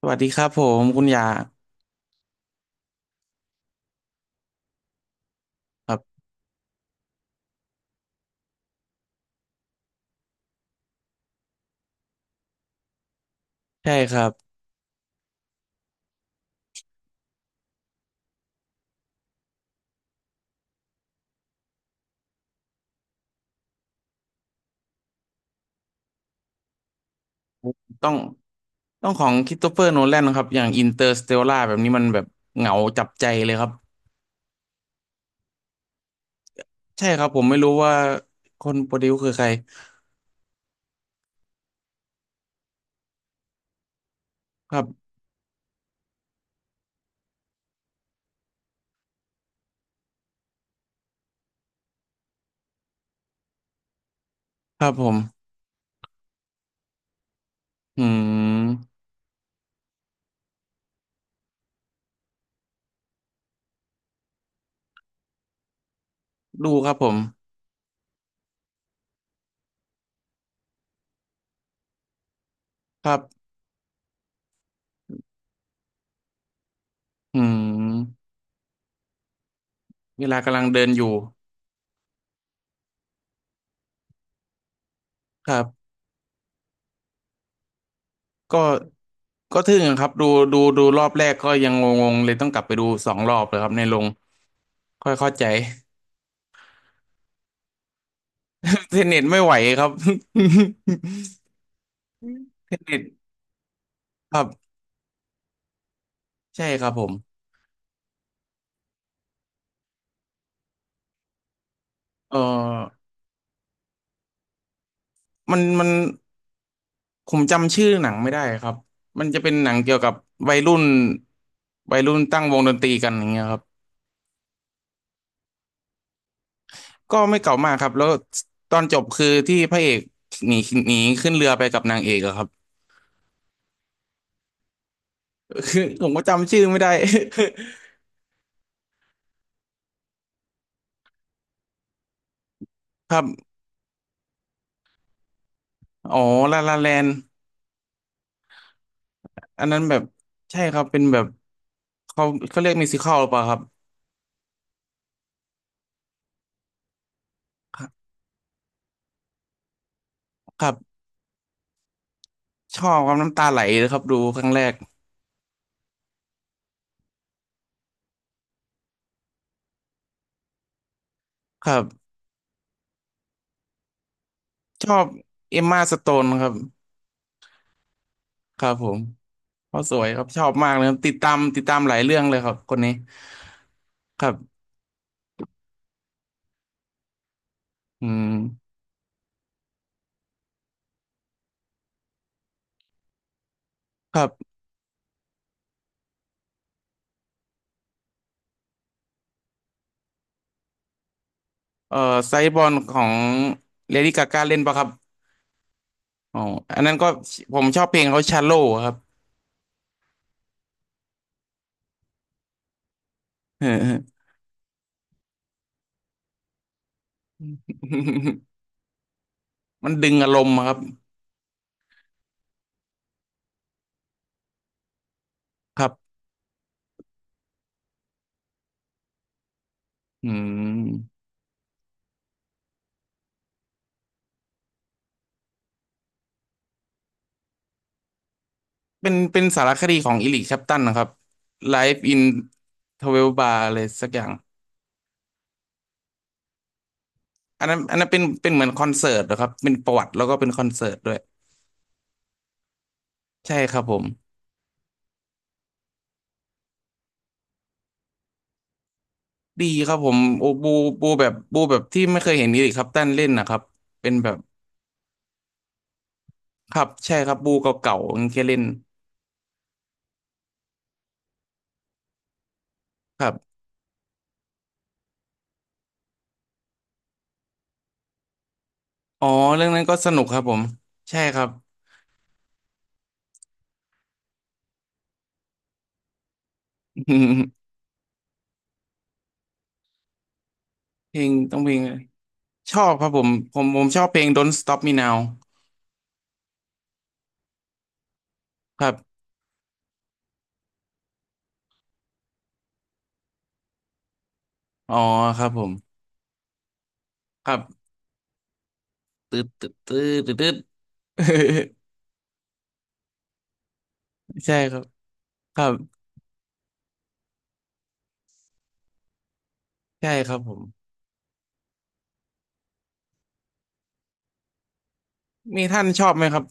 สวัสดีครับผมคุณยาครับใช่ครับต้องต้องของคริสโตเฟอร์โนแลนครับอย่างอินเตอร์สเตลล่าแบบนี้มันแบบเหงาจับใจเลยครับใช่ครับผมไม่รู้ว่าคนโปรดิวคือใครครับครับผมอืมดูครับผมครับอืมเวลากำลังเดินอยู่ครับก็ก็ทึ่งครับดูรอบแรกก็ยังงงๆเลยต้องกลับไปดูสองรอบเลยครับในโรงค่อยเข้าใจ เทนเน็ตไม่ไหวครับ เทนเน็ต ครับใช่ครับผมเออมันผมจำชื่อหนังไม่ได้ครับมันจะเป็นหนังเกี่ยวกับวัยรุ่นตั้งวงดนตรีกันอย่างเงี้ยครับก็ไม่เก่ามากครับแล้วตอนจบคือที่พระเอกหนีหนีขึ้นเรือไปกับนางเอกอะครับคือผมก็จำชื่อไม่ได้ ครับอ๋อลาลาแลนอันนั้นแบบใช่ครับเป็นแบบเขาเขาเรียกมิวสิคัลหรือเปล่าครับครับชอบความน้ำตาไหลเลยครับดูครั้งแรกครับ ชอบเอมมาสโตนครับครับผมเขาสวยครับชอบมากเลยครับติดตามหลายเรื่องเลยครับคนนี้ครับอืมครับเอ่อไซบอลของเลดี้กากาเล่นปะครับอ๋ออันนั้นก็ผมชอบเพลงเขาชาโลครับ เออ มันดึงอารมณ์อะครับครับอืมเป็นสารคดีของอิลิชัปตันนะครับ Live in 12 Bar อะไรสักอย่างอันนั้นเป็นเหมือนคอนเสิร์ตนะครับเป็นประวัติแล้วก็เป็นคอนเสิร์ตด้วย ใช่ครับผมดีครับผมโอ้บูแบบบูแบบที่ไม่เคยเห็นอีริกคัปตันเล่นนะครับเป็นแบบครับใช่ครับบูเก่าๆอย่างเงี้ยเล่นครับอ๋อเรื่องนั้นก็สนุกครับผมใช่ครับ เพลงต้องเพลงชอบครับผมผมชอบเพลง Don't Stop Me Now ครับอ๋อครับผมครับตืดตืดตืดตืด ใช่ครับครับใช่ครับผมมีท่านชอบไหมครับ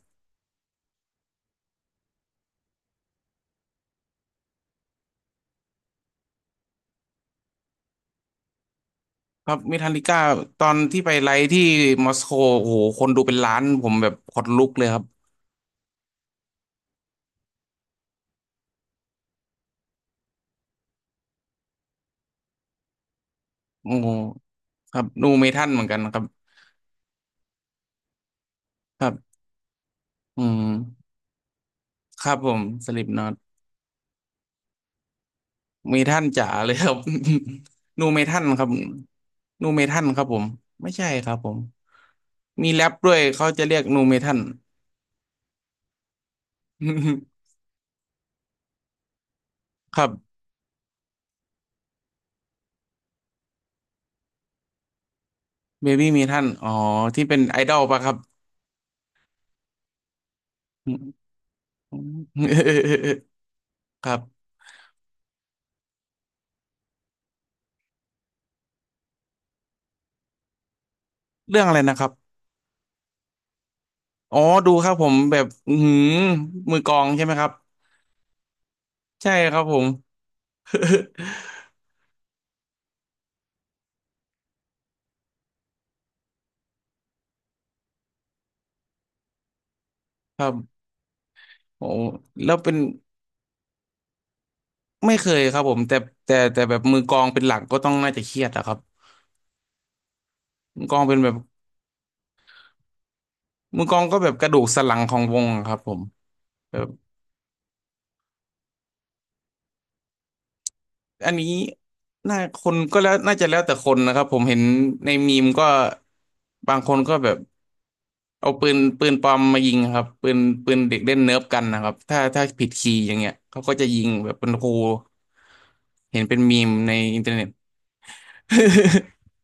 ครับเมทัลลิก้าตอนที่ไปไลฟ์ที่มอสโกโอ้โหคนดูเป็นล้านผมแบบขนลุกเลยครับโอ้โหครับดูเมทัลเหมือนกันครับครับอืมครับผมสลิปน็อตเมทัลจ๋าเลยครับ นูเมทัลครับนูเมทัลครับผมไม่ใช่ครับผมมีแรปด้วยเขาจะเรียกนูเมทัล ครับเบบี้เมทัลอ๋อที่เป็นไอดอลปะครับ ครับเรื่องอะไรนะครับ อ๋อดูครับผมแบบอื้อหือมือกลองใช่ไหมครับใช่ครับผม ครับโอ้แล้วเป็นไม่เคยครับผมแต่แต่แบบมือกลองเป็นหลักก็ต้องน่าจะเครียดอะครับมือกลองเป็นแบบมือกลองก็แบบกระดูกสันหลังของวงอะครับผมแบบอันนี้น่าคนก็แล้วน่าจะแล้วแต่คนนะครับผมเห็นในมีมก็บางคนก็แบบ เอาปืนปลอมมายิงครับปืนเด็กเล่นเนิร์ฟกันนะครับถ้าผิดคีย์อย่างเงี้ยเขาก็จะยิงแบบเป็นครูเห็นเป็นมีมในอินเทอร์เน็ต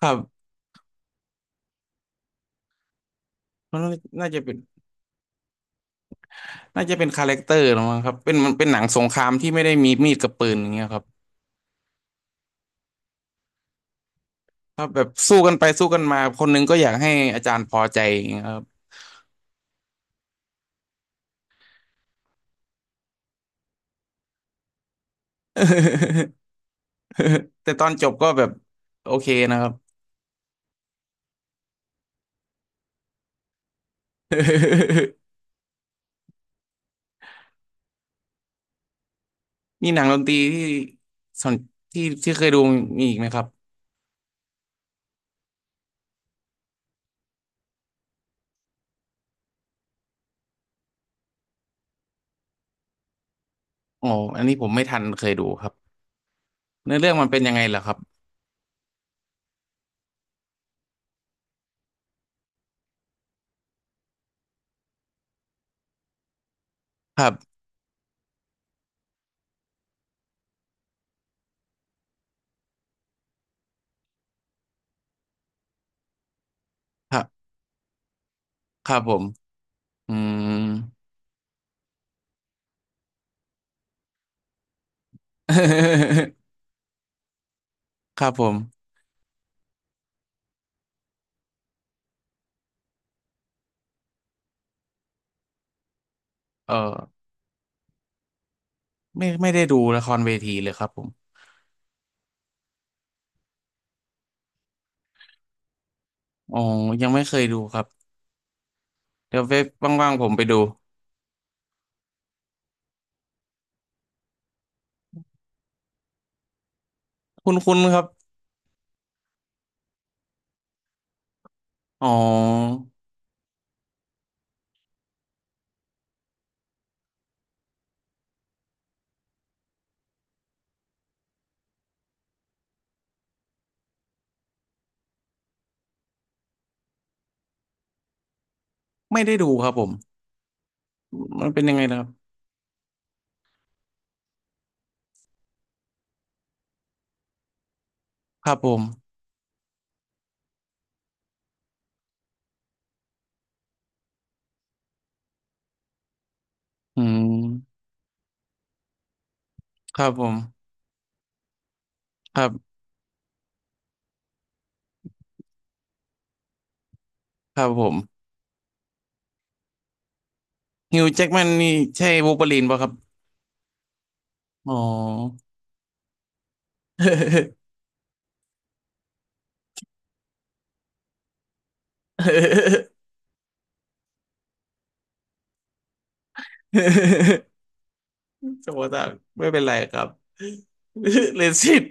ครับมันน่าจะเป็นน่าจะเป็นคาแรคเตอร์หรือมั้งครับเป็นมันเป็นหนังสงครามที่ไม่ได้มีมีดกับปืนอย่างเงี้ยครับถ้าแบบสู้กันไปสู้กันมาคนหนึงก็อยากให้อาจารย์พอใจอย่างเงี้ยครับ แต่ตอนจบก็แบบโอเคนะครับ มีหนังดนตรีที่สนที่ที่เคยดูมีอีกไหมครับ โอ้อันนี้ผมไม่ทันเคยดูครับเนื้อเรื่องมันเป็นยังไงเหรอครับครับครับครับผมอืม ครับผมเออไม่ได้ดูละครเวทีเลยครับผมอ๋อยังไม่เคยดูครับเดี๋ยวเว็บว่างๆผมไปดูคุณครับอ๋อไม่ได้ดูครับผมมันเป็นยังไงนะครับครับผมอืมครับผมครับครับผมฮิวแจ็กแมนนี่ใช่วูล์ฟเวอรีนป่ะครับอ๋อ สมมติว่าไม่เป็นไรครับ เลสิต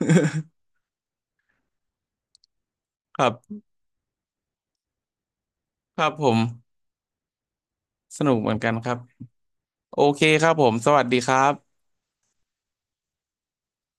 ครับครับผมสนุกเหมือนกันครับโอเคครับผมสวัสดีครับ